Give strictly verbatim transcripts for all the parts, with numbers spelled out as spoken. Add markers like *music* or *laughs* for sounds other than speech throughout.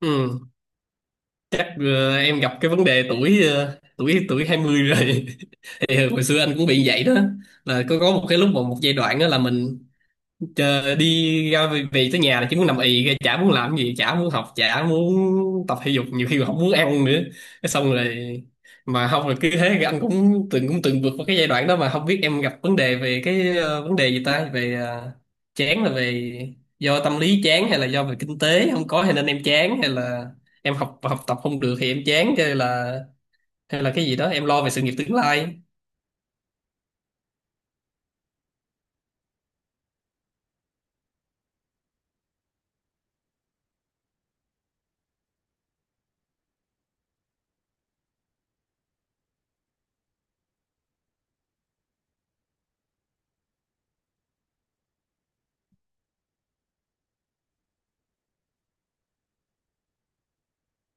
Ừ, chắc ờ, em gặp cái vấn đề tuổi ờ, tuổi tuổi hai mươi rồi *laughs* thì hồi xưa anh cũng bị vậy đó, là có có một cái lúc mà một giai đoạn đó là mình chờ đi ra về, về tới nhà là chỉ muốn nằm ì ra, chả muốn làm gì, chả muốn học, chả muốn tập thể dục, nhiều khi còn không muốn ăn nữa, cái xong rồi mà không là cứ thế. Anh cũng từng cũng từng vượt qua cái giai đoạn đó mà không biết em gặp vấn đề về cái ờ, vấn đề gì ta, về ờ, chán là về do tâm lý chán, hay là do về kinh tế không có hay nên em chán, hay là em học học tập không được thì em chán, hay là hay là cái gì đó em lo về sự nghiệp tương lai?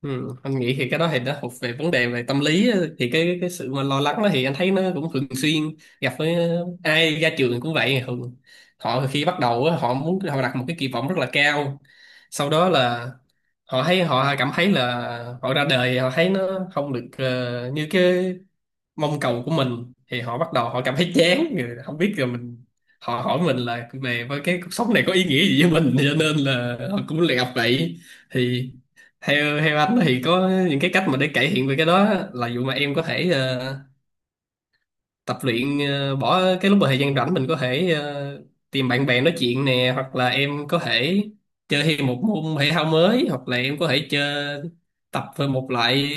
Ừ, anh nghĩ thì cái đó thì nó thuộc về vấn đề về tâm lý á. Thì cái cái sự mà lo lắng đó thì anh thấy nó cũng thường xuyên gặp với ai ra trường cũng vậy. Thường họ khi bắt đầu á, họ muốn họ đặt một cái kỳ vọng rất là cao, sau đó là họ thấy, họ cảm thấy là họ ra đời họ thấy nó không được ờ, như cái mong cầu của mình, thì họ bắt đầu họ cảm thấy chán rồi không biết rồi mình, họ hỏi mình là về với cái cuộc sống này có ý nghĩa gì với mình, cho nên là họ cũng lại gặp vậy. Thì theo theo anh thì có những cái cách mà để cải thiện về cái đó là, dù mà em có thể ờ, tập luyện, ờ, bỏ cái lúc mà thời gian rảnh mình có thể ờ, tìm bạn bè nói chuyện nè, hoặc là em có thể chơi thêm một môn thể thao mới, hoặc là em có thể chơi tập về một loại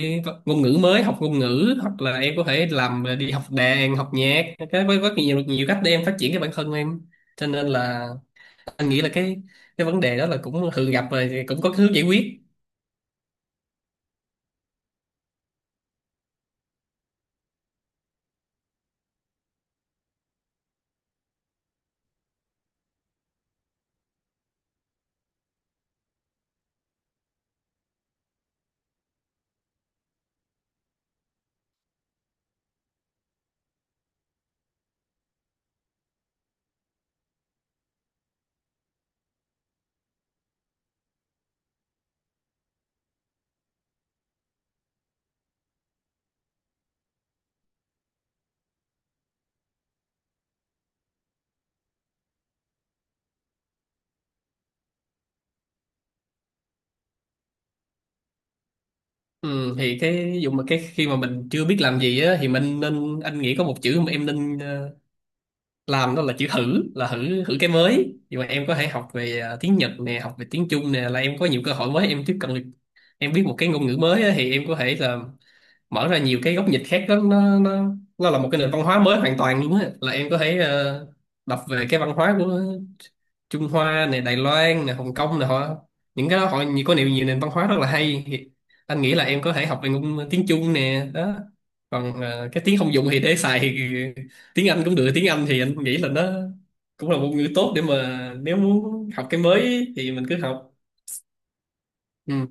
ngôn ngữ mới, học ngôn ngữ, hoặc là em có thể làm ờ, đi học đàn học nhạc, cái với rất nhiều nhiều cách để em phát triển cái bản thân em, cho nên là anh nghĩ là cái cái vấn đề đó là cũng thường gặp rồi thì cũng có hướng giải quyết. Ừ, thì cái ví dụ mà cái khi mà mình chưa biết làm gì á thì mình nên, anh nghĩ có một chữ mà em nên ờ, làm, đó là chữ thử, là thử thử cái mới. Nhưng mà em có thể học về à, tiếng Nhật nè, học về tiếng Trung nè, là em có nhiều cơ hội mới, em tiếp cận được, em biết một cái ngôn ngữ mới á, thì em có thể là mở ra nhiều cái góc nhìn khác lắm, nó nó nó là một cái nền văn hóa mới hoàn toàn luôn á, là em có thể ờ, đọc về cái văn hóa của Trung Hoa này, Đài Loan này, Hồng Kông này, họ những cái đó, họ nhiều- có nhiều nhiều nền văn hóa rất là hay. Thì anh nghĩ là em có thể học về ngôn tiếng Trung nè đó. Còn ờ, cái tiếng không dùng thì để xài thì *laughs* tiếng Anh cũng được, tiếng Anh thì anh nghĩ là nó cũng là một ngữ tốt để mà nếu muốn học cái mới thì mình cứ học. Ừ.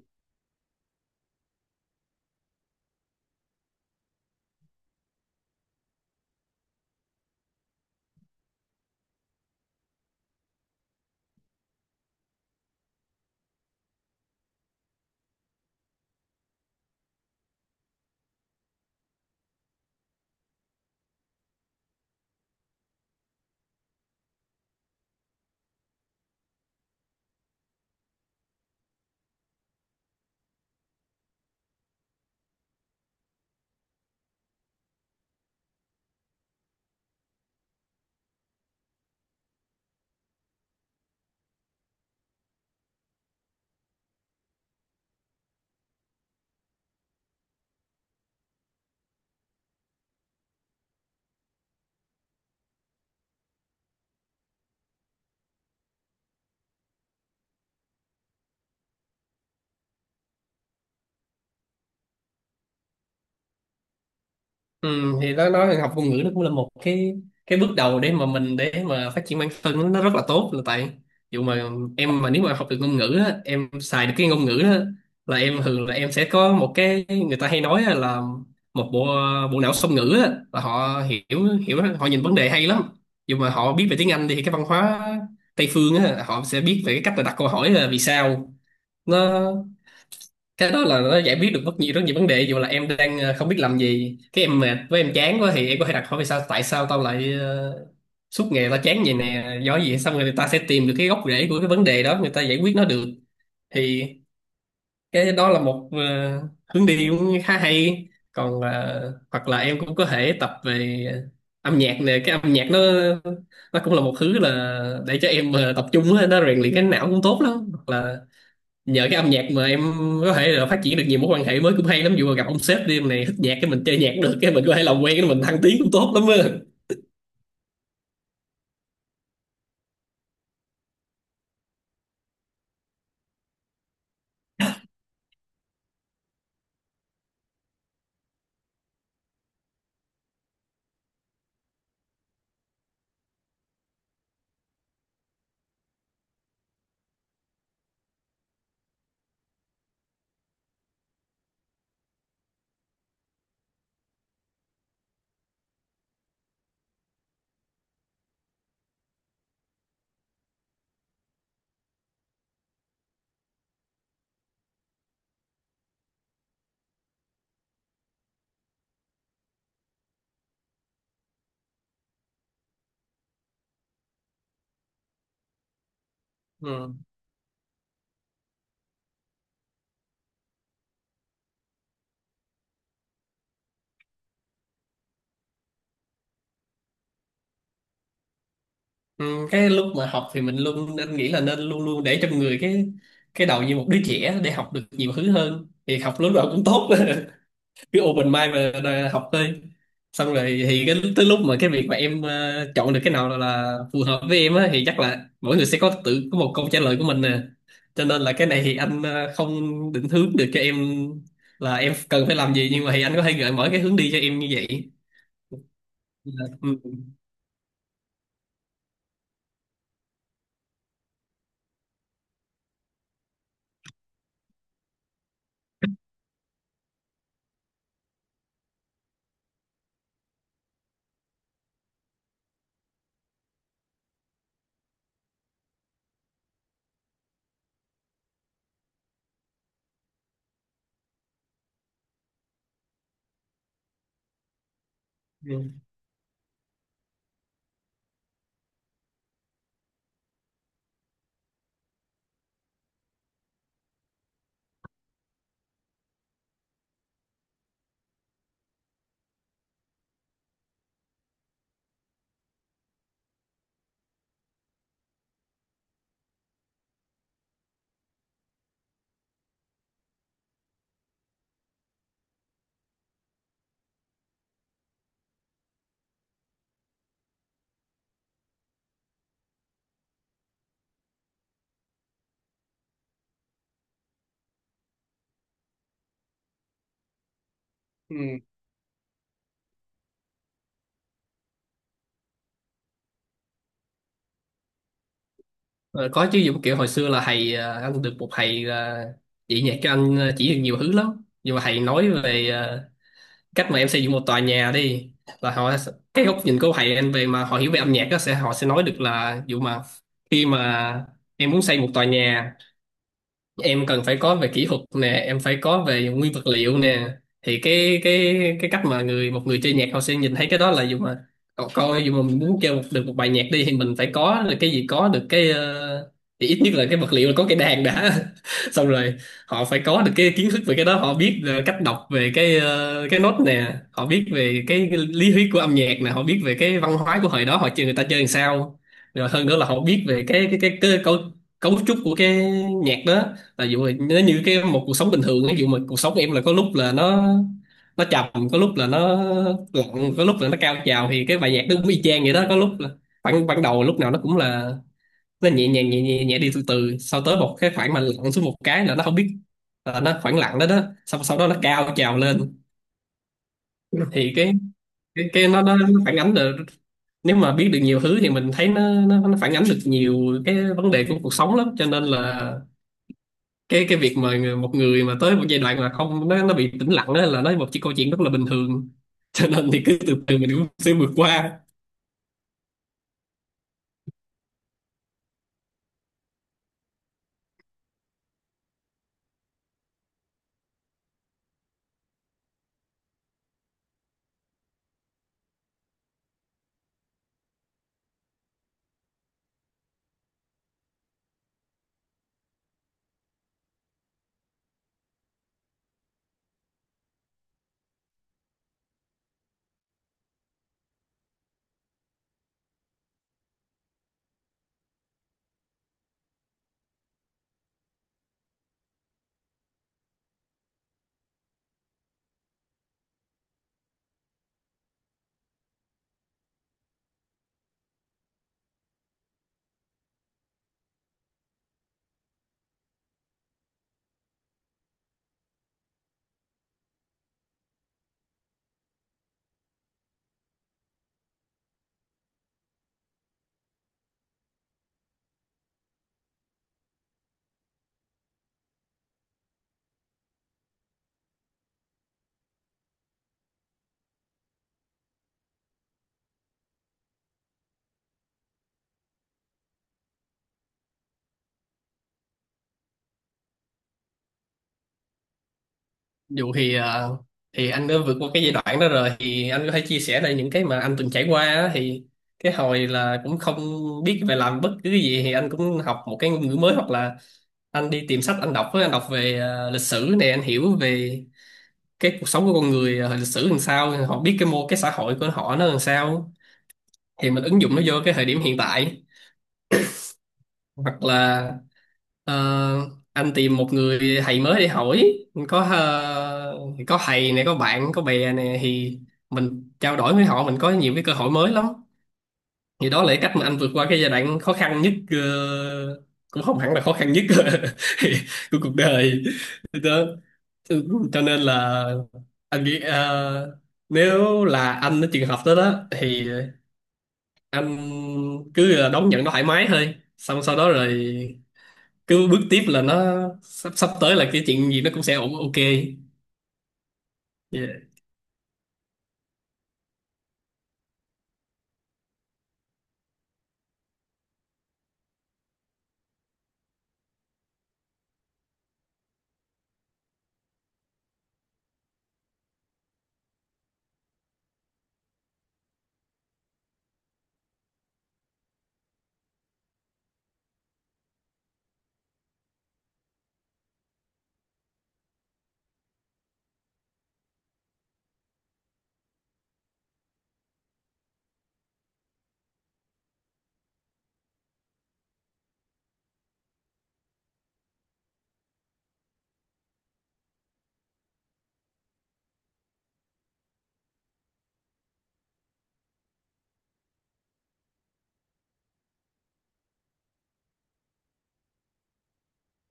Ừ, thì nó nói học ngôn ngữ nó cũng là một cái cái bước đầu để mà mình để mà phát triển bản thân, nó rất là tốt, là tại dù mà em, mà nếu mà học được ngôn ngữ á, em xài được cái ngôn ngữ đó, là em thường là em sẽ có một cái, người ta hay nói là một bộ bộ não song ngữ á, là họ hiểu hiểu họ nhìn vấn đề hay lắm. Dù mà họ biết về tiếng Anh thì cái văn hóa Tây phương á, họ sẽ biết về cái cách là đặt câu hỏi là vì sao nó, cái đó là nó giải quyết được rất nhiều rất nhiều vấn đề. Dù là em đang ờ, không biết làm gì, cái em mệt với em chán quá, thì em có thể đặt hỏi vì sao, tại sao tao lại ờ, suốt ngày tao chán vậy nè, do gì, xong rồi người ta sẽ tìm được cái gốc rễ của cái vấn đề đó, người ta giải quyết nó được. Thì cái đó là một ờ, hướng đi cũng khá hay. Còn ờ, hoặc là em cũng có thể tập về âm nhạc nè, cái âm nhạc nó nó cũng là một thứ là để cho em ờ, tập trung á, nó rèn luyện cái não cũng tốt lắm. Hoặc là nhờ cái âm nhạc mà em có thể là phát triển được nhiều mối quan hệ mới cũng hay lắm, dù mà gặp ông sếp đi, em này thích nhạc, cái mình chơi nhạc được, cái mình có thể làm quen, cái mình thăng tiến cũng tốt lắm á. Ừ. Ừ, cái lúc mà học thì mình luôn nên nghĩ là nên luôn luôn để trong người cái cái đầu như một đứa trẻ, để học được nhiều thứ hơn, thì học lúc nào cũng tốt *laughs* cứ open mind và đòi học thôi. Xong rồi thì cái tới lúc mà cái việc mà em ờ, chọn được cái nào là phù hợp với em á, thì chắc là mỗi người sẽ có tự có một câu trả lời của mình nè, cho nên là cái này thì anh ờ, không định hướng được cho em là em cần phải làm gì, nhưng mà thì anh có thể gợi mở cái hướng đi cho em như vậy. Là- ừ. Ừ. Ừ. Ờ, có chứ, giống kiểu hồi xưa là thầy, ờ, anh được một thầy là chỉ nhạc cho anh, ờ, chỉ được nhiều thứ lắm. Nhưng mà thầy nói về ờ, cách mà em xây dựng một tòa nhà đi, là họ, cái góc nhìn của thầy anh, về mà họ hiểu về âm nhạc đó sẽ, họ sẽ nói được là ví dụ mà khi mà em muốn xây một tòa nhà, em cần phải có về kỹ thuật nè, em phải có về nguyên vật liệu nè. Thì cái cái cái cách mà người một người chơi nhạc họ sẽ nhìn thấy cái đó là, dù mà cậu coi, dù mà mình muốn chơi một, được một bài nhạc đi, thì mình phải có được cái gì, có được cái, ờ, thì ít nhất là cái vật liệu là có cái đàn đã *laughs* xong rồi họ phải có được cái kiến thức về cái đó, họ biết ờ, cách đọc về cái ờ, cái nốt nè, họ biết về cái lý thuyết của âm nhạc nè, họ biết về cái văn hóa của hồi đó họ chơi, người ta chơi làm sao, rồi hơn nữa là họ biết về cái cái cái, cái cấu cấu trúc của cái nhạc đó. Tại vì vậy, nếu như cái một cuộc sống bình thường, ví dụ mà cuộc sống em là có lúc là nó nó trầm, có lúc là nó lặng, có lúc là nó cao trào, thì cái bài nhạc nó cũng y chang vậy đó. Có lúc là khoảng ban đầu lúc nào nó cũng là nó nhẹ nhàng, nhẹ nhẹ nhẹ đi từ từ, sau tới một cái khoảng mà lặng xuống một cái là nó không biết, là nó khoảng lặng đó đó, sau sau đó nó cao trào lên. Thì cái cái, cái nó, nó nó phản ánh được, nếu mà biết được nhiều thứ thì mình thấy nó nó, nó phản ánh được nhiều cái vấn đề của cuộc sống lắm. Cho nên là cái cái việc mà người- một người mà tới một giai đoạn mà không nó nó bị tĩnh lặng đó, là nó một cái câu chuyện rất là bình thường *laughs* cho nên thì cứ từ từ mình cũng sẽ vượt qua. Dù thì à, thì anh đã vượt qua cái giai đoạn đó rồi, thì anh có thể chia sẻ lại những cái mà anh từng trải qua á. Thì cái hồi là cũng không biết về làm bất cứ cái gì thì anh cũng học một cái ngôn ngữ mới, hoặc là anh đi tìm sách anh đọc á, anh đọc về à, lịch sử này, anh hiểu về cái cuộc sống của con người, à, hồi lịch sử làm sao họ biết, cái mô, cái xã hội của họ nó làm sao, thì mình ứng dụng nó vô cái thời điểm hiện tại. Hoặc là ờ, anh tìm một người thầy mới để hỏi, có ờ, có thầy này, có bạn có bè này, thì mình trao đổi với họ, mình có nhiều cái cơ hội mới lắm. Thì đó là cái cách mà anh vượt qua cái giai đoạn khó khăn nhất, ờ, cũng không hẳn là khó khăn nhất *laughs* của cuộc đời đó. Ừ, cho nên là anh nghĩ ờ, nếu là anh ở trường hợp đó đó, thì anh cứ là đón nhận nó thoải mái thôi, xong sau đó rồi cứ bước tiếp, là nó, sắp sắp tới là cái chuyện gì nó cũng sẽ ổn, ok. Yeah.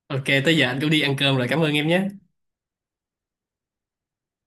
Ok, tới giờ anh cũng đi ăn cơm rồi, cảm ơn em nhé.